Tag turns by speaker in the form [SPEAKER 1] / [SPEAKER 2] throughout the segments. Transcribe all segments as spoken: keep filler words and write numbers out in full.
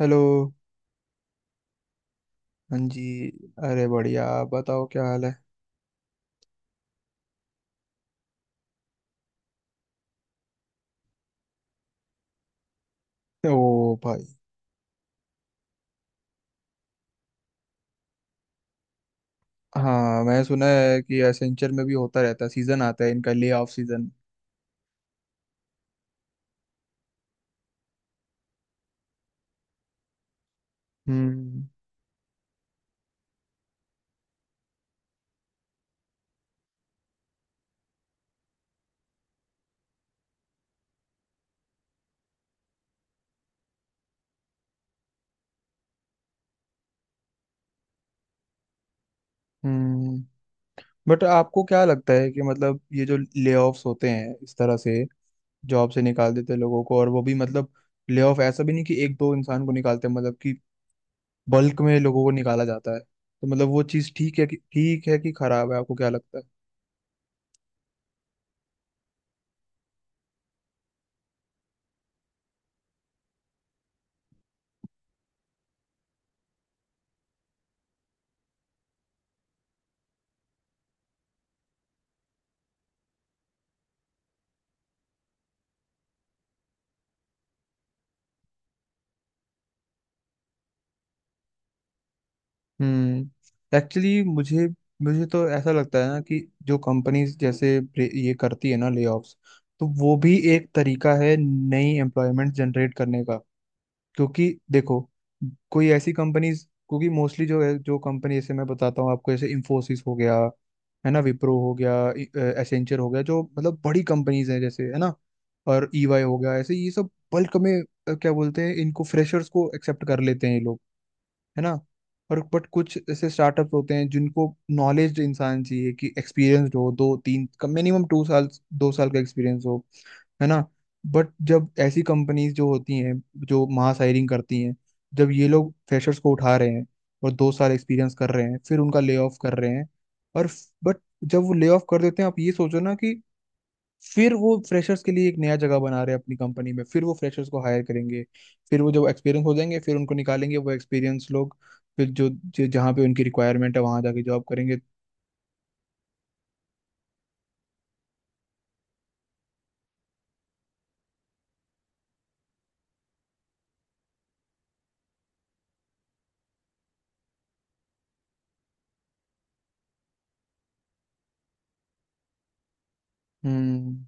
[SPEAKER 1] Hello. हाँ जी। अरे बढ़िया, आप बताओ क्या हाल है? ओ भाई। हाँ, मैं सुना है कि एसेंचर में भी होता रहता है। सीजन आता है इनका, ले ऑफ सीजन। हम्म, हम्म, बट आपको क्या लगता है कि मतलब ये जो ले ऑफ्स होते हैं इस तरह से जॉब से निकाल देते हैं लोगों को, और वो भी मतलब ले ऑफ ऐसा भी नहीं कि एक दो इंसान को निकालते हैं, मतलब कि बल्क में लोगों को निकाला जाता है। तो मतलब वो चीज़ ठीक है कि ठीक है कि खराब है, आपको क्या लगता है? हम्म, एक्चुअली मुझे मुझे तो ऐसा लगता है ना कि जो कंपनीज जैसे प्रे- ये करती है ना लेऑफ्स, तो वो भी एक तरीका है नई एम्प्लॉयमेंट जनरेट करने का। क्योंकि देखो, कोई ऐसी कंपनीज, क्योंकि मोस्टली जो है जो कंपनी, जैसे मैं बताता हूँ आपको, जैसे इंफोसिस हो गया, है ना, विप्रो हो गया, एसेंचर हो गया, जो मतलब बड़ी कंपनीज हैं जैसे, है ना, और ईवाई हो गया, ऐसे ये सब बल्क में अ, क्या बोलते हैं इनको, फ्रेशर्स को एक्सेप्ट कर लेते हैं ये लोग, है ना। और बट कुछ ऐसे स्टार्टअप होते हैं जिनको नॉलेज इंसान चाहिए कि एक्सपीरियंसड हो, दो तीन कम मिनिमम टू साल, दो साल का एक्सपीरियंस हो, है ना। बट जब ऐसी कंपनीज जो होती हैं, जो मास हायरिंग करती हैं, जब ये लोग फ्रेशर्स को उठा रहे हैं और दो साल एक्सपीरियंस कर रहे हैं, फिर उनका ले ऑफ कर रहे हैं, और बट जब वो ले ऑफ कर देते हैं, आप ये सोचो ना कि फिर वो फ्रेशर्स के लिए एक नया जगह बना रहे हैं अपनी कंपनी में, फिर वो फ्रेशर्स को हायर करेंगे, फिर वो जब एक्सपीरियंस हो जाएंगे फिर उनको निकालेंगे वो एक्सपीरियंस लोग फिर जो जो- जहाँ पे उनकी रिक्वायरमेंट है वहां जाके जॉब करेंगे। हम्म।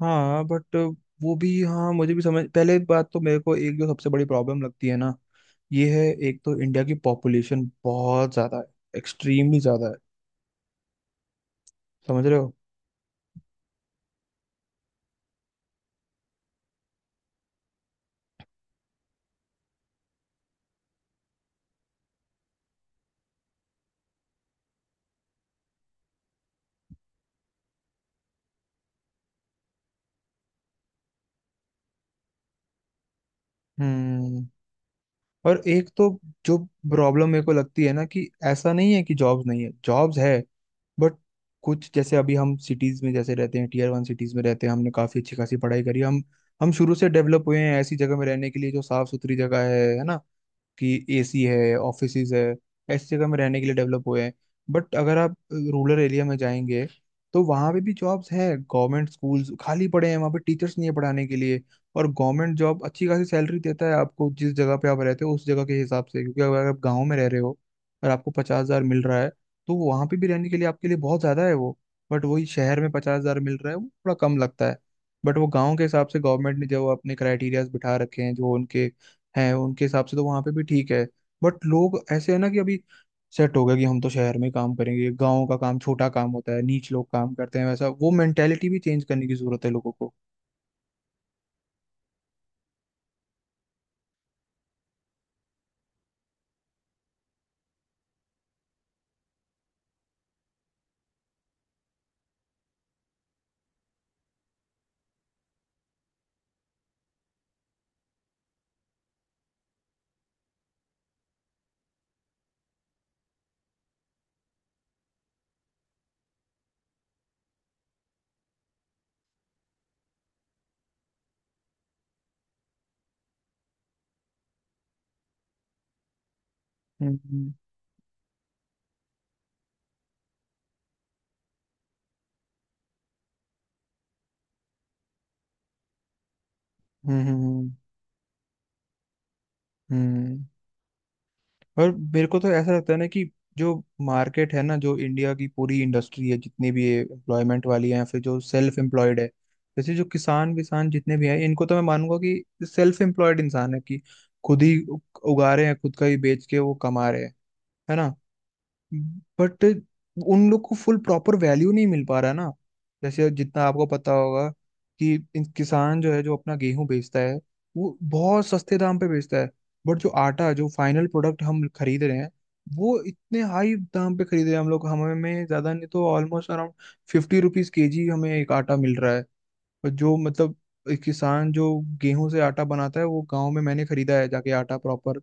[SPEAKER 1] हाँ बट वो भी, हाँ मुझे भी समझ, पहले बात तो मेरे को एक जो सबसे बड़ी प्रॉब्लम लगती है ना ये है, एक तो इंडिया की पॉपुलेशन बहुत ज्यादा है, एक्सट्रीमली ज्यादा है, समझ रहे हो। हम्म। और एक तो जो प्रॉब्लम मेरे को लगती है ना कि ऐसा नहीं है कि जॉब्स नहीं है, जॉब्स है। बट कुछ जैसे अभी हम सिटीज में जैसे रहते हैं, टीयर वन सिटीज में रहते हैं, हमने काफी अच्छी खासी पढ़ाई करी, हम हम शुरू से डेवलप हुए हैं ऐसी जगह में रहने के लिए जो साफ सुथरी जगह है है ना, कि एसी है, ऑफिसेज है, ऐसी जगह में रहने के लिए डेवलप हुए हैं। बट अगर आप रूरल एरिया में जाएंगे, तो वहाँ पे भी जॉब्स है, गवर्नमेंट स्कूल्स खाली पड़े हैं, वहाँ पे टीचर्स नहीं है पढ़ाने के लिए। और गवर्नमेंट जॉब अच्छी खासी सैलरी देता है आपको जिस जगह पे आप रहते हो उस जगह के हिसाब से, क्योंकि अगर आप गाँव में रह रहे हो और आपको पचास हजार मिल रहा है, तो वहाँ पे भी रहने के लिए आपके लिए बहुत ज़्यादा है वो। बट वही शहर में पचास हजार मिल रहा है वो थोड़ा कम लगता है। बट वो गाँव के हिसाब से गवर्नमेंट ने जो अपने क्राइटेरियाज बिठा रखे हैं, जो उनके है उनके हिसाब से, तो वहां पे भी ठीक है। बट लोग ऐसे है ना कि अभी सेट हो गया कि हम तो शहर में काम करेंगे, गाँव का काम छोटा काम होता है, नीच लोग काम करते हैं, वैसा वो मेंटेलिटी भी चेंज करने की जरूरत है लोगों को। हम्म, हम्म, हम्म, हम्म। और मेरे को तो ऐसा लगता है ना कि जो मार्केट है ना, जो इंडिया की पूरी इंडस्ट्री है, जितनी भी एम्प्लॉयमेंट वाली है या फिर जो सेल्फ एम्प्लॉयड है, जैसे जो किसान विसान जितने भी हैं, इनको तो मैं मानूंगा कि सेल्फ एम्प्लॉयड इंसान है कि खुद ही उग- उगा रहे हैं, खुद का ही बेच के वो कमा रहे हैं, है ना। बट उन लोग को फुल प्रॉपर वैल्यू नहीं मिल पा रहा ना। जैसे जितना आपको पता होगा कि इन किसान जो है, जो अपना गेहूं बेचता है, वो बहुत सस्ते दाम पे बेचता है। बट जो आटा जो फाइनल प्रोडक्ट हम खरीद रहे हैं, वो इतने हाई दाम पे खरीद रहे हैं हम लोग, हमें में ज्यादा नहीं तो almost around fifty rupees KG हमें एक आटा मिल रहा है। और जो मतलब एक किसान जो गेहूं से आटा बनाता है, वो गांव में मैंने खरीदा है जाके आटा प्रॉपर,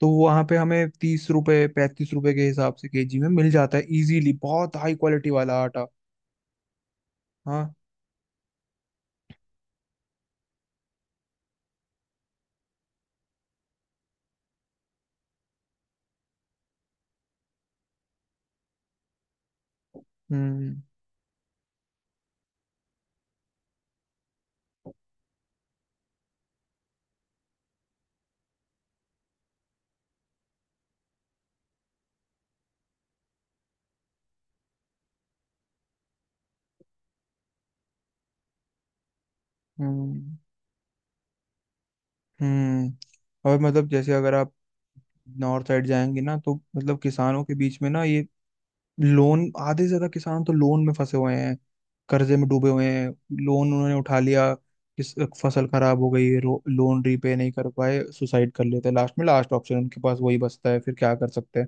[SPEAKER 1] तो वहां पे हमें तीस रुपए पैंतीस रुपए के हिसाब से केजी में मिल जाता है इजीली, बहुत हाई क्वालिटी वाला आटा। हाँ। हम्म, हम्म, हम्म। और मतलब जैसे अगर आप नॉर्थ साइड जाएंगे ना, तो मतलब किसानों के बीच में ना ये लोन, आधे से ज्यादा किसान तो लोन में फंसे हुए हैं, कर्जे में डूबे हुए हैं, लोन उन्होंने उठा लिया, किस फसल खराब हो गई, रो- लोन रीपे नहीं कर पाए, सुसाइड कर लेते हैं लास्ट में, लास्ट ऑप्शन उनके पास वही बचता है, फिर क्या कर सकते हैं।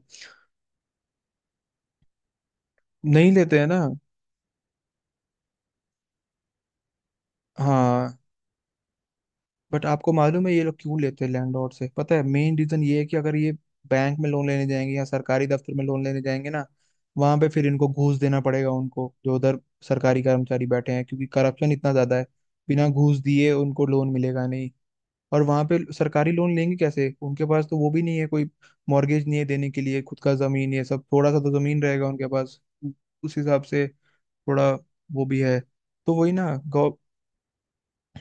[SPEAKER 1] नहीं लेते हैं ना। हाँ बट आपको मालूम है ये लोग क्यों लेते हैं लैंडलॉर्ड से? पता है मेन रीजन ये है कि अगर ये बैंक में लोन लेने जाएंगे या सरकारी दफ्तर में लोन लेने जाएंगे ना, वहां पे फिर इनको घूस देना पड़ेगा, उनको जो उधर सरकारी कर्मचारी बैठे हैं, क्योंकि करप्शन इतना ज्यादा है, बिना घूस दिए उनको लोन मिलेगा नहीं। और वहां पे सरकारी लोन लेंगे कैसे, उनके पास तो वो भी नहीं है कोई मॉर्गेज नहीं है देने के लिए, खुद का जमीन ये सब, थोड़ा सा तो जमीन रहेगा उनके पास उ- उस हिसाब से, थोड़ा वो भी है, तो वही ना।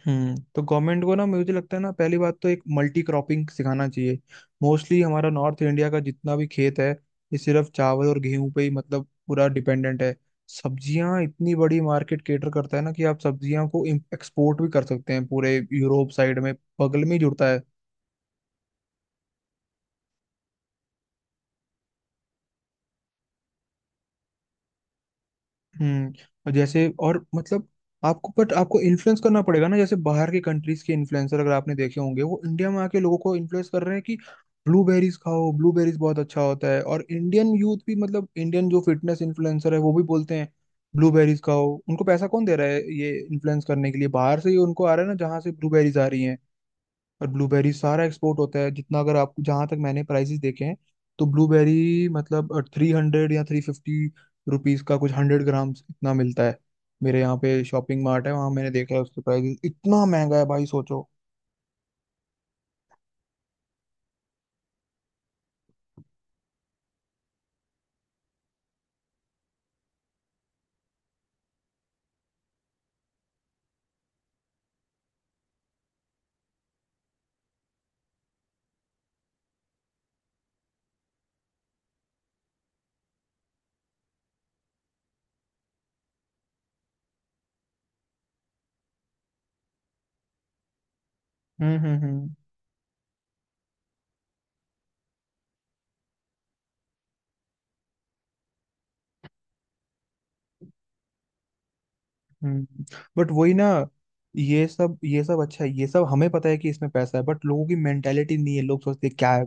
[SPEAKER 1] हम्म, तो गवर्नमेंट को ना मुझे लगता है ना, पहली बात तो एक मल्टी क्रॉपिंग सिखाना चाहिए। मोस्टली हमारा नॉर्थ इंडिया का जितना भी खेत है, ये सिर्फ चावल और गेहूं पे ही मतलब पूरा डिपेंडेंट है। सब्जियां इतनी बड़ी मार्केट केटर करता है ना कि आप सब्जियां को एक्सपोर्ट भी कर सकते हैं पूरे यूरोप साइड में, बगल में ही जुड़ता है। हम्म। और जैसे और मतलब आपको, बट आपको इन्फ्लुएंस करना पड़ेगा ना, जैसे बाहर के कंट्रीज के इन्फ्लुएंसर अगर आपने देखे होंगे, वो इंडिया में आके लोगों को इन्फ्लुएंस कर रहे हैं कि ब्लूबेरीज खाओ, ब्लूबेरीज बहुत अच्छा होता है, और इंडियन यूथ भी, मतलब इंडियन जो फिटनेस इन्फ्लुएंसर है वो भी बोलते हैं ब्लूबेरीज खाओ। उनको पैसा कौन दे रहा है ये इन्फ्लुएंस करने के लिए, बाहर से ही उनको आ रहा है ना, जहाँ से ब्लूबेरीज आ रही हैं। और ब्लूबेरी सारा एक्सपोर्ट होता है जितना। अगर आप, जहां तक मैंने प्राइसेस देखे हैं, तो ब्लूबेरी मतलब थ्री हंड्रेड या थ्री फिफ्टी रुपीज का कुछ हंड्रेड ग्राम इतना मिलता है। मेरे यहाँ पे शॉपिंग मार्ट है, वहां मैंने देखा है उसके प्राइस, इतना महंगा है भाई, सोचो। हम्म, हम्म, हम्म, हम्म। बट वही ना, ये सब ये सब अच्छा है, ये सब हमें पता है कि इसमें पैसा है, बट लोगों की मेंटेलिटी नहीं है। लोग सोचते हैं, क्या है,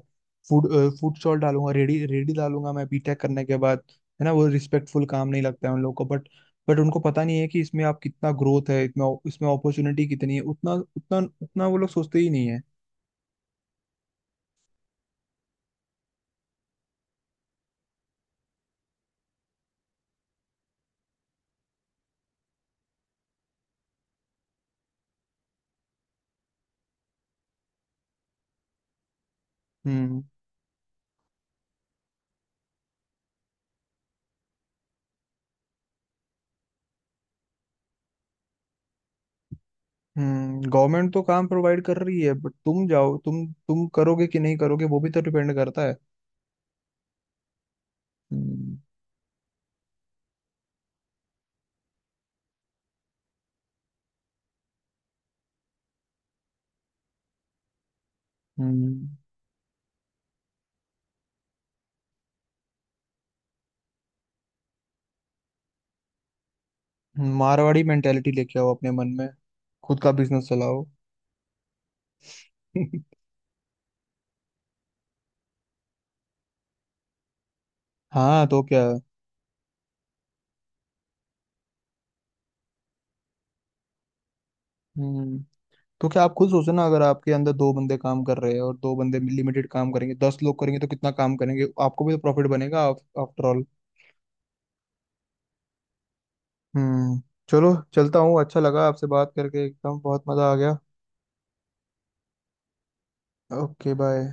[SPEAKER 1] फूड फूड स्टॉल डालूंगा, रेडी रेडी डालूंगा, मैं बीटेक करने के बाद, है ना, वो रिस्पेक्टफुल काम नहीं लगता है उन लोगों को। बट बट उनको पता नहीं है कि इसमें आप कितना ग्रोथ है, इतना इसमें अपॉर्चुनिटी कितनी है, उतना उतना उतना वो लोग सोचते ही नहीं है। हम्म। हम्म, गवर्नमेंट तो काम प्रोवाइड कर रही है बट तुम जाओ, तुम तुम करोगे कि नहीं करोगे वो भी तो डिपेंड करता है। हम्म। हम्म। मारवाड़ी मेंटेलिटी लेके आओ अपने मन में, खुद का बिजनेस चलाओ। हाँ तो क्या। हम्म, तो क्या आप खुद सोचो ना, अगर आपके अंदर दो बंदे काम कर रहे हैं, और दो बंदे लिमिटेड काम करेंगे, दस लोग करेंगे तो कितना काम करेंगे, आपको भी तो प्रॉफिट बनेगा आफ्टर ऑल। हम्म। चलो, चलता हूँ, अच्छा लगा आपसे बात करके, एकदम बहुत मजा आ गया। Okay bye.